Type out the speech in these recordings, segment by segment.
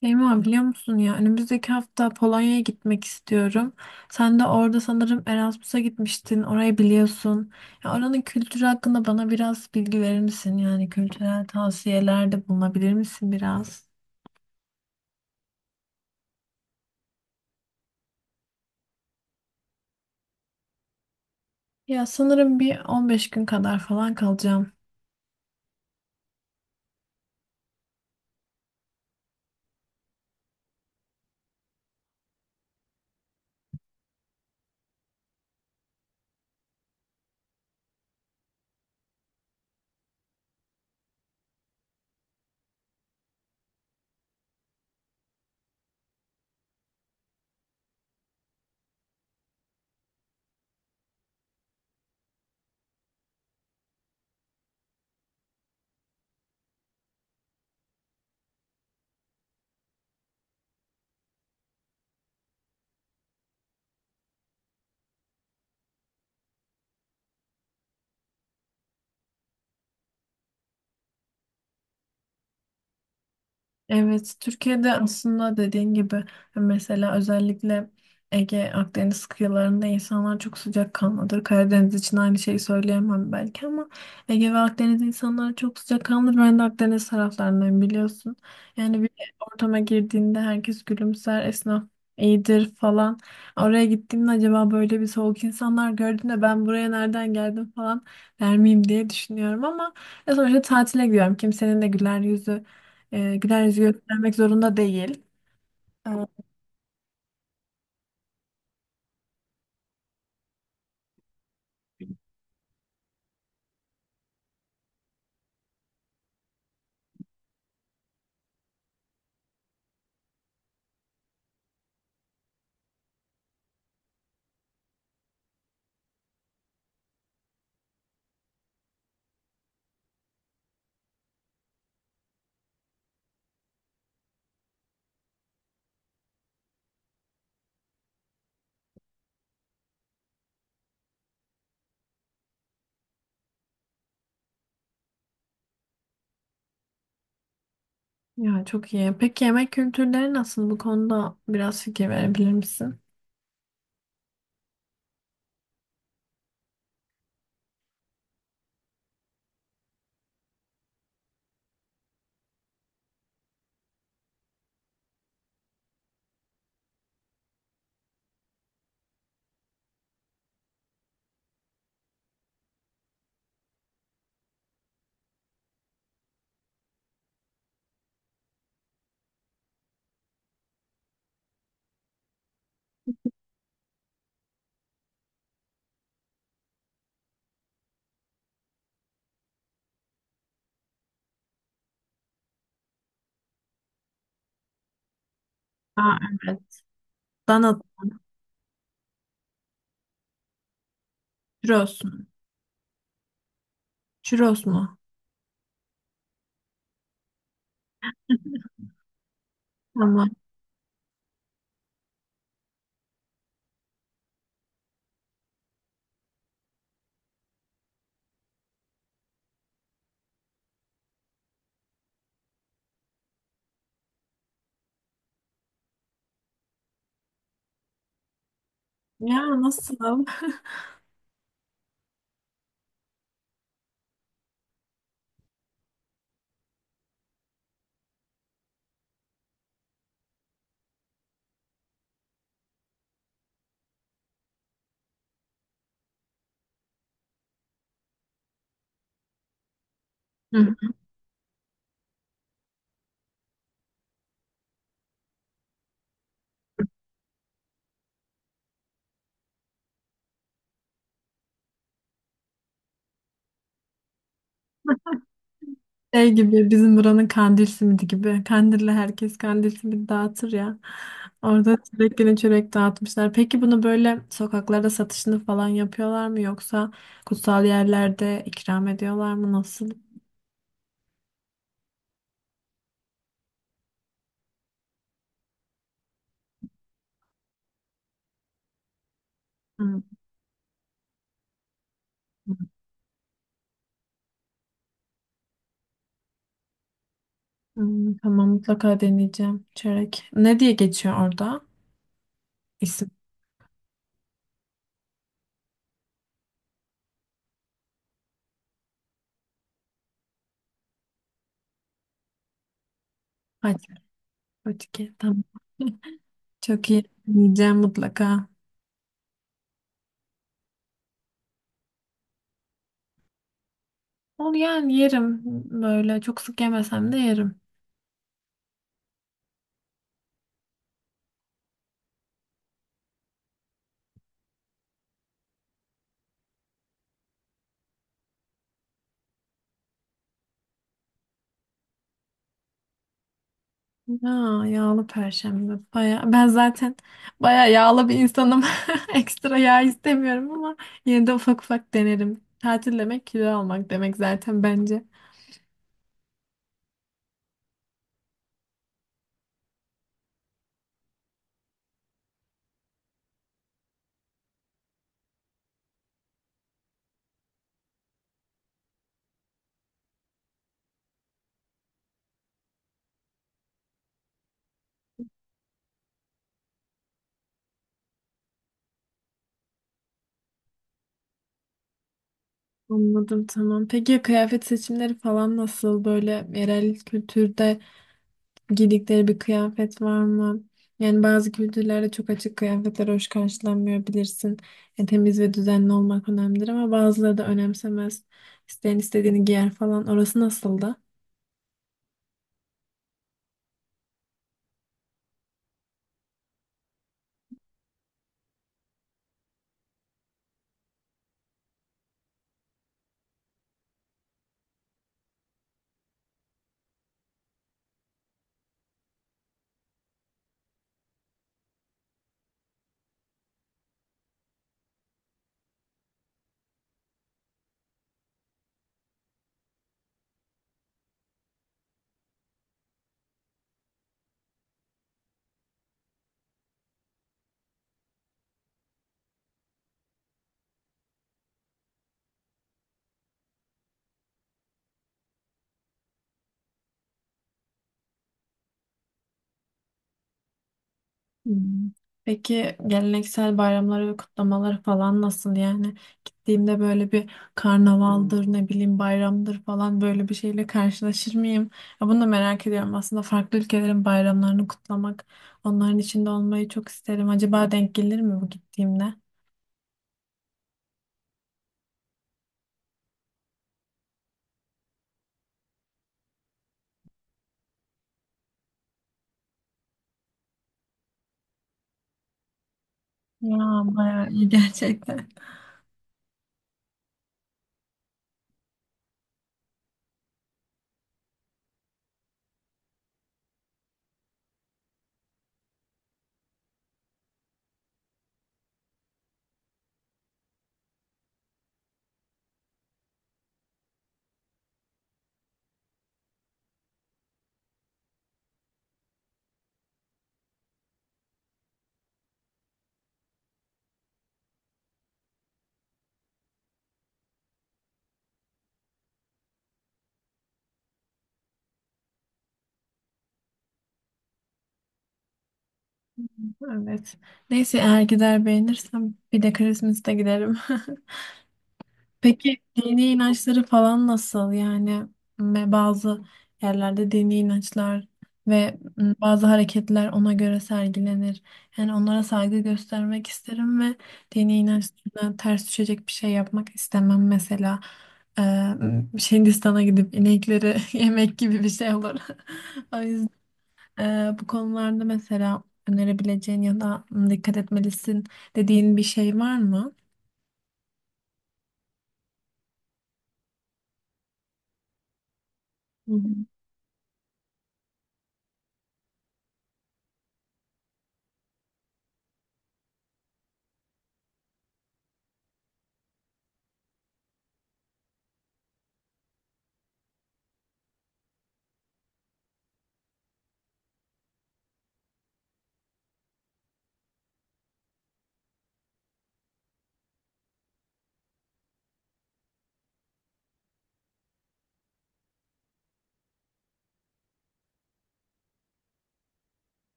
Şeyma, biliyor musun ya, önümüzdeki hafta Polonya'ya gitmek istiyorum. Sen de orada sanırım Erasmus'a gitmiştin. Orayı biliyorsun. Ya oranın kültürü hakkında bana biraz bilgi verir misin? Yani kültürel tavsiyelerde bulunabilir misin biraz? Ya sanırım bir 15 gün kadar falan kalacağım. Evet, Türkiye'de aslında dediğin gibi mesela özellikle Ege, Akdeniz kıyılarında insanlar çok sıcakkanlıdır. Karadeniz için aynı şeyi söyleyemem belki ama Ege ve Akdeniz insanları çok sıcakkanlıdır. Ben de Akdeniz taraflarından, biliyorsun. Yani bir ortama girdiğinde herkes gülümser, esnaf iyidir falan. Oraya gittiğimde acaba böyle bir soğuk insanlar gördüğümde ben buraya nereden geldim falan der miyim diye düşünüyorum ama ya sonuçta tatile gidiyorum. Kimsenin de güler yüzü güler yüzü göstermek zorunda değil. Ee, Ya çok iyi. Peki yemek kültürleri nasıl? Bu konuda biraz fikir verebilir misin? Aa, evet. Dana churros mu? Churros mu? Tamam. Ya nasıl? Hı. Şey gibi bizim buranın kandil simidi gibi. Kandil'le herkes kandil simidi dağıtır ya. Orada çörek günü çörek dağıtmışlar. Peki bunu böyle sokaklarda satışını falan yapıyorlar mı yoksa kutsal yerlerde ikram ediyorlar mı? Nasıl? Hı. Hmm, tamam, mutlaka deneyeceğim. Çörek. Ne diye geçiyor orada? İsim. Hadi. Fatike. Tamam. Çok iyi. Yiyeceğim mutlaka. Onu yani yerim. Böyle çok sık yemesem de yerim. Ya, yağlı perşembe. Baya, ben zaten baya yağlı bir insanım. Ekstra yağ istemiyorum ama yine de ufak ufak denerim. Tatil demek kilo almak demek zaten bence. Anladım, tamam. Peki ya kıyafet seçimleri falan nasıl? Böyle yerel kültürde giydikleri bir kıyafet var mı? Yani bazı kültürlerde çok açık kıyafetler hoş karşılanmıyor, bilirsin. Yani temiz ve düzenli olmak önemlidir ama bazıları da önemsemez. İsteyen istediğini giyer falan. Orası nasıldı? Hmm. Peki geleneksel bayramları ve kutlamaları falan nasıl yani? Gittiğimde böyle bir karnavaldır, ne bileyim bayramdır falan, böyle bir şeyle karşılaşır mıyım? Ya bunu da merak ediyorum. Aslında farklı ülkelerin bayramlarını kutlamak, onların içinde olmayı çok isterim. Acaba denk gelir mi bu gittiğimde? Ya bayağı iyi gerçekten. Evet. Neyse, eğer gider beğenirsem bir de Christmas'ta giderim. Peki dini inançları falan nasıl? Yani bazı yerlerde dini inançlar ve bazı hareketler ona göre sergilenir. Yani onlara saygı göstermek isterim ve dini inançlarına ters düşecek bir şey yapmak istemem. Mesela şey, Hindistan'a gidip inekleri yemek gibi bir şey olur. O yüzden e, bu konularda mesela önerebileceğin ya da dikkat etmelisin dediğin bir şey var mı?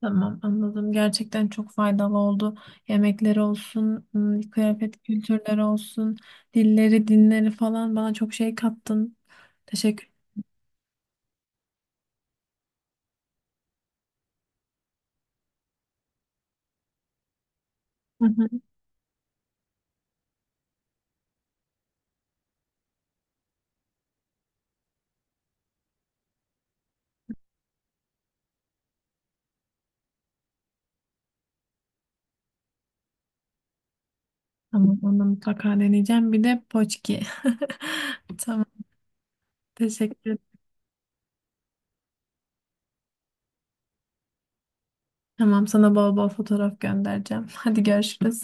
Tamam, anladım. Gerçekten çok faydalı oldu. Yemekler olsun, kıyafet kültürleri olsun, dilleri, dinleri falan, bana çok şey kattın. Teşekkür. Hı hı. Tamam, onu mutlaka deneyeceğim. Bir de poçki. Tamam, teşekkür. Tamam, sana bol bol fotoğraf göndereceğim. Hadi, görüşürüz.